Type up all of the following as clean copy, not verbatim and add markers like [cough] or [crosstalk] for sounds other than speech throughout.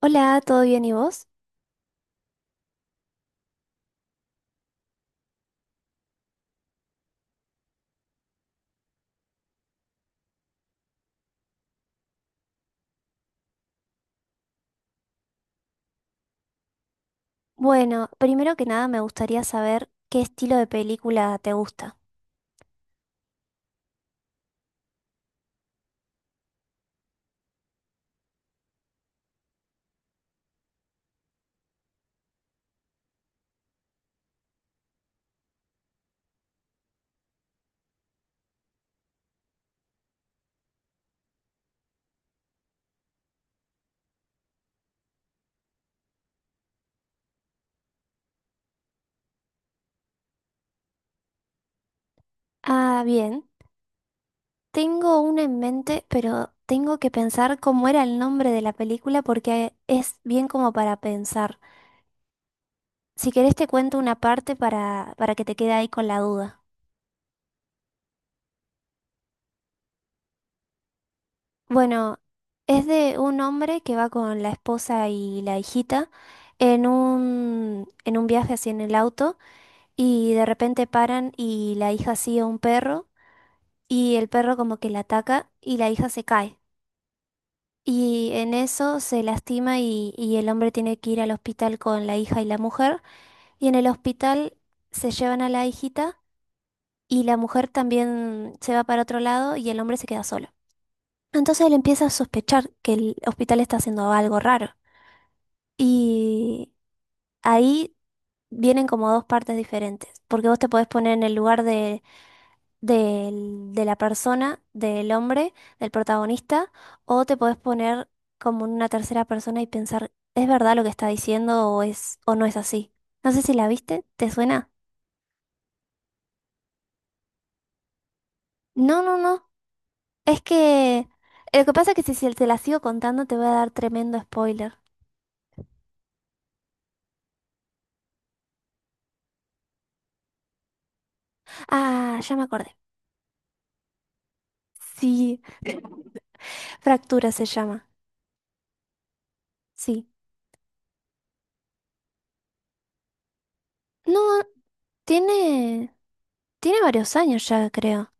Hola, ¿todo bien y vos? Bueno, primero que nada me gustaría saber qué estilo de película te gusta. Ah, bien. Tengo una en mente, pero tengo que pensar cómo era el nombre de la película porque es bien como para pensar. Si querés te cuento una parte para que te quede ahí con la duda. Bueno, es de un hombre que va con la esposa y la hijita en un viaje así en el auto y de repente paran y la hija sigue a un perro y el perro como que la ataca y la hija se cae. Y en eso se lastima y el hombre tiene que ir al hospital con la hija y la mujer y en el hospital se llevan a la hijita y la mujer también se va para otro lado y el hombre se queda solo. Entonces él empieza a sospechar que el hospital está haciendo algo raro. Y ahí vienen como dos partes diferentes, porque vos te podés poner en el lugar de, de la persona, del hombre, del protagonista, o te podés poner como en una tercera persona y pensar, ¿es verdad lo que está diciendo o es o no es así? No sé si la viste, ¿te suena? No, no, no. Es que lo que pasa es que si te la sigo contando te voy a dar tremendo spoiler. Ah, ya me acordé. Sí. Fractura se llama, sí. No, tiene, tiene varios años ya, creo.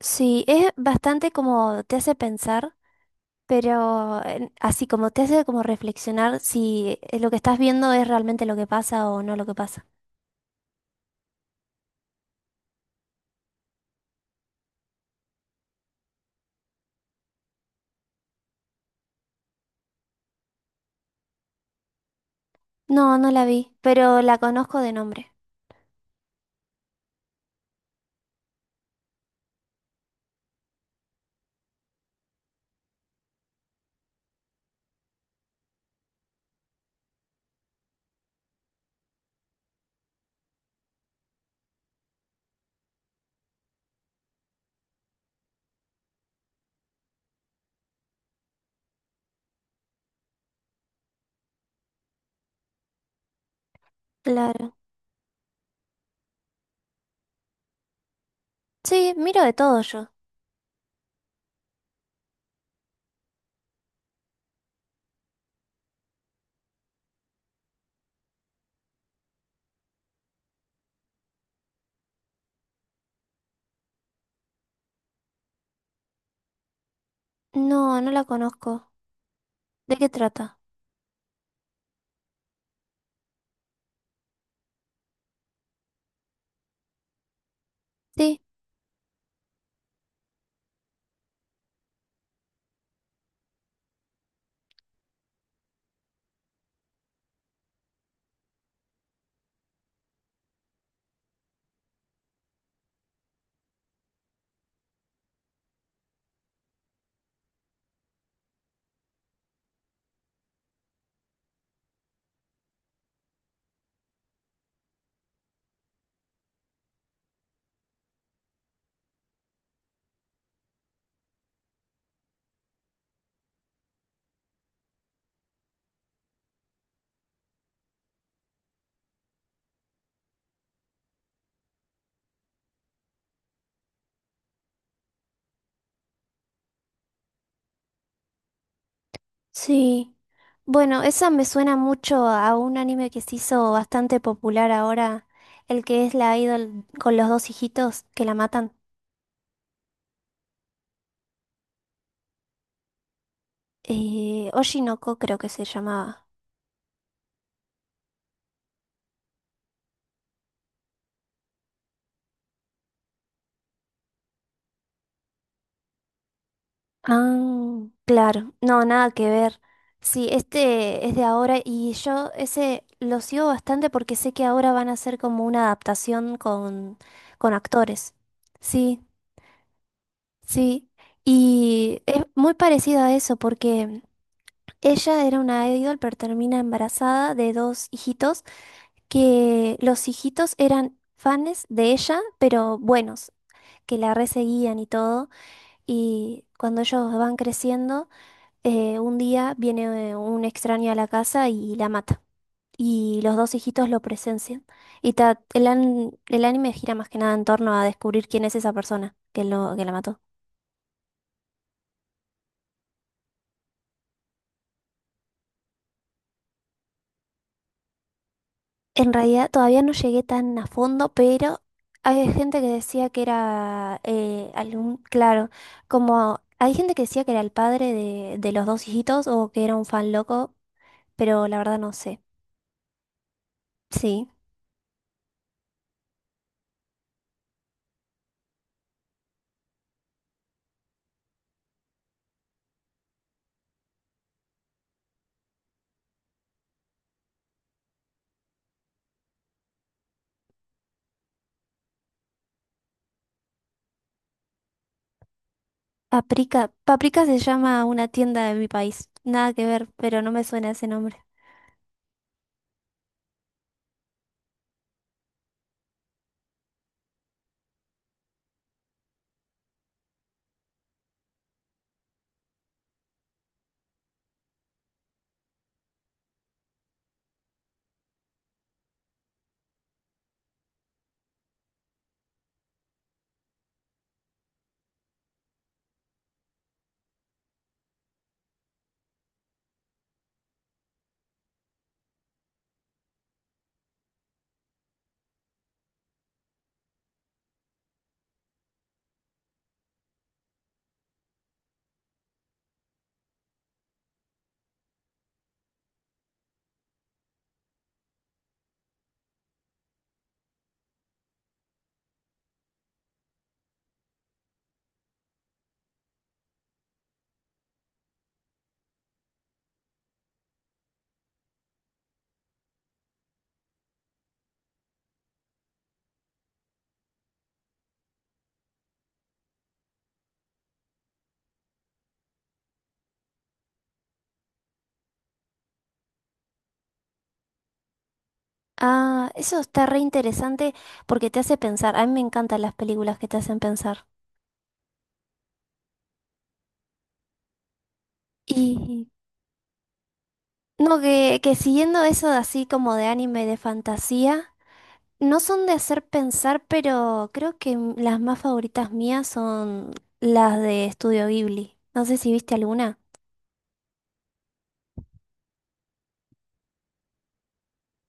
Sí, es bastante como te hace pensar, pero así como te hace como reflexionar si lo que estás viendo es realmente lo que pasa o no lo que pasa. No, no la vi, pero la conozco de nombre. Claro. Sí, miro de todo yo. No, no la conozco. ¿De qué trata? Sí. Sí. Bueno, esa me suena mucho a un anime que se hizo bastante popular ahora, el que es la idol con los dos hijitos que la matan. Oshinoko creo que se llamaba. Ah, claro. No, nada que ver. Sí, este es de ahora y yo ese lo sigo bastante porque sé que ahora van a hacer como una adaptación con actores. Sí, sí. Y es muy parecido a eso porque... Ella era una idol, pero termina embarazada de dos hijitos, que los hijitos eran fans de ella, pero buenos, que la reseguían y todo. Y cuando ellos van creciendo, un día viene un extraño a la casa y la mata. Y los dos hijitos lo presencian. Y el anime gira más que nada en torno a descubrir quién es esa persona que, lo, que la mató. En realidad todavía no llegué tan a fondo, pero hay gente que decía que era algún, claro, como hay gente que decía que era el padre de los dos hijitos o que era un fan loco, pero la verdad no sé. Sí. Paprika. Paprika se llama una tienda de mi país. Nada que ver, pero no me suena ese nombre. Ah, eso está re interesante porque te hace pensar. A mí me encantan las películas que te hacen pensar. Y no, que siguiendo eso de así como de anime, de fantasía. No son de hacer pensar, pero creo que las más favoritas mías son las de Estudio Ghibli. No sé si viste alguna.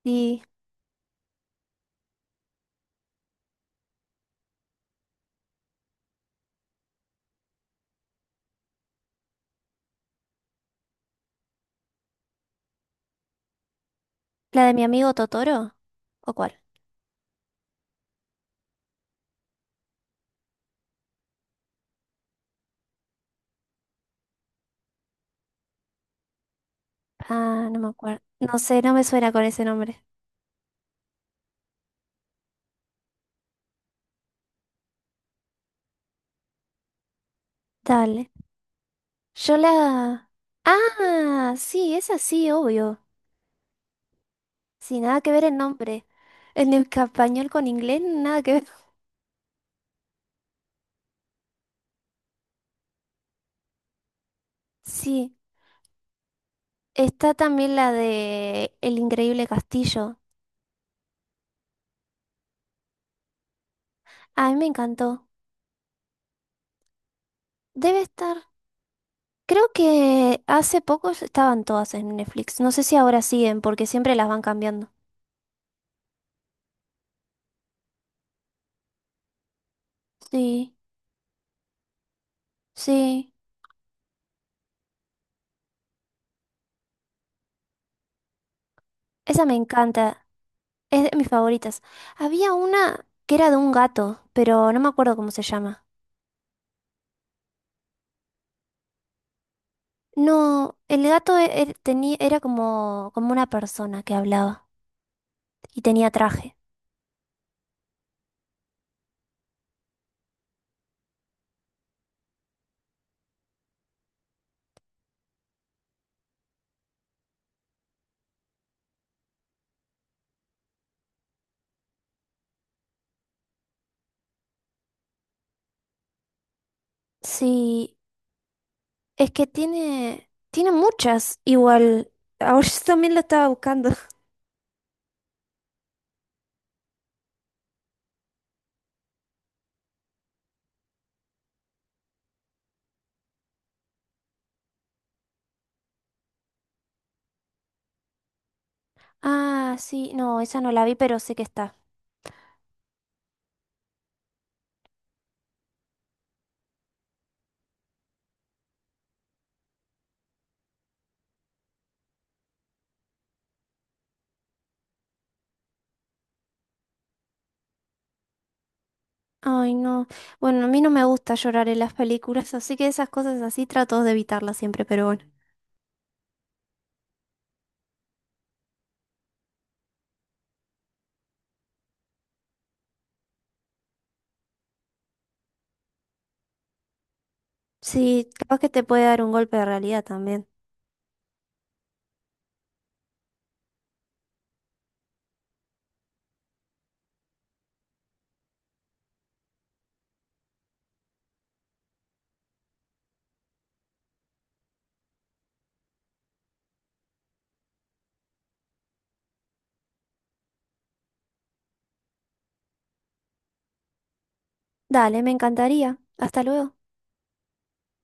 Sí. ¿La de mi amigo Totoro? ¿O cuál? Ah, no me acuerdo. No sé, no me suena con ese nombre. Dale. Yo la... Ah, sí, es así, obvio. Sí, nada que ver el nombre. En el español con inglés, nada que ver. [laughs] Sí, está también la de El Increíble Castillo. A mí me encantó. Debe estar. Creo que hace poco estaban todas en Netflix. No sé si ahora siguen, porque siempre las van cambiando. Sí, sí. Esa me encanta. Es de mis favoritas. Había una que era de un gato, pero no me acuerdo cómo se llama. No, el gato e- er- tenía, era como, como una persona que hablaba y tenía traje. Sí, es que tiene, tiene muchas. Igual, ahora [laughs] yo también la estaba buscando. Ah, sí, no, esa no la vi, pero sé que está. Ay, no. Bueno, a mí no me gusta llorar en las películas, así que esas cosas así trato de evitarlas siempre, pero bueno. Sí, capaz que te puede dar un golpe de realidad también. Dale, me encantaría. Hasta luego.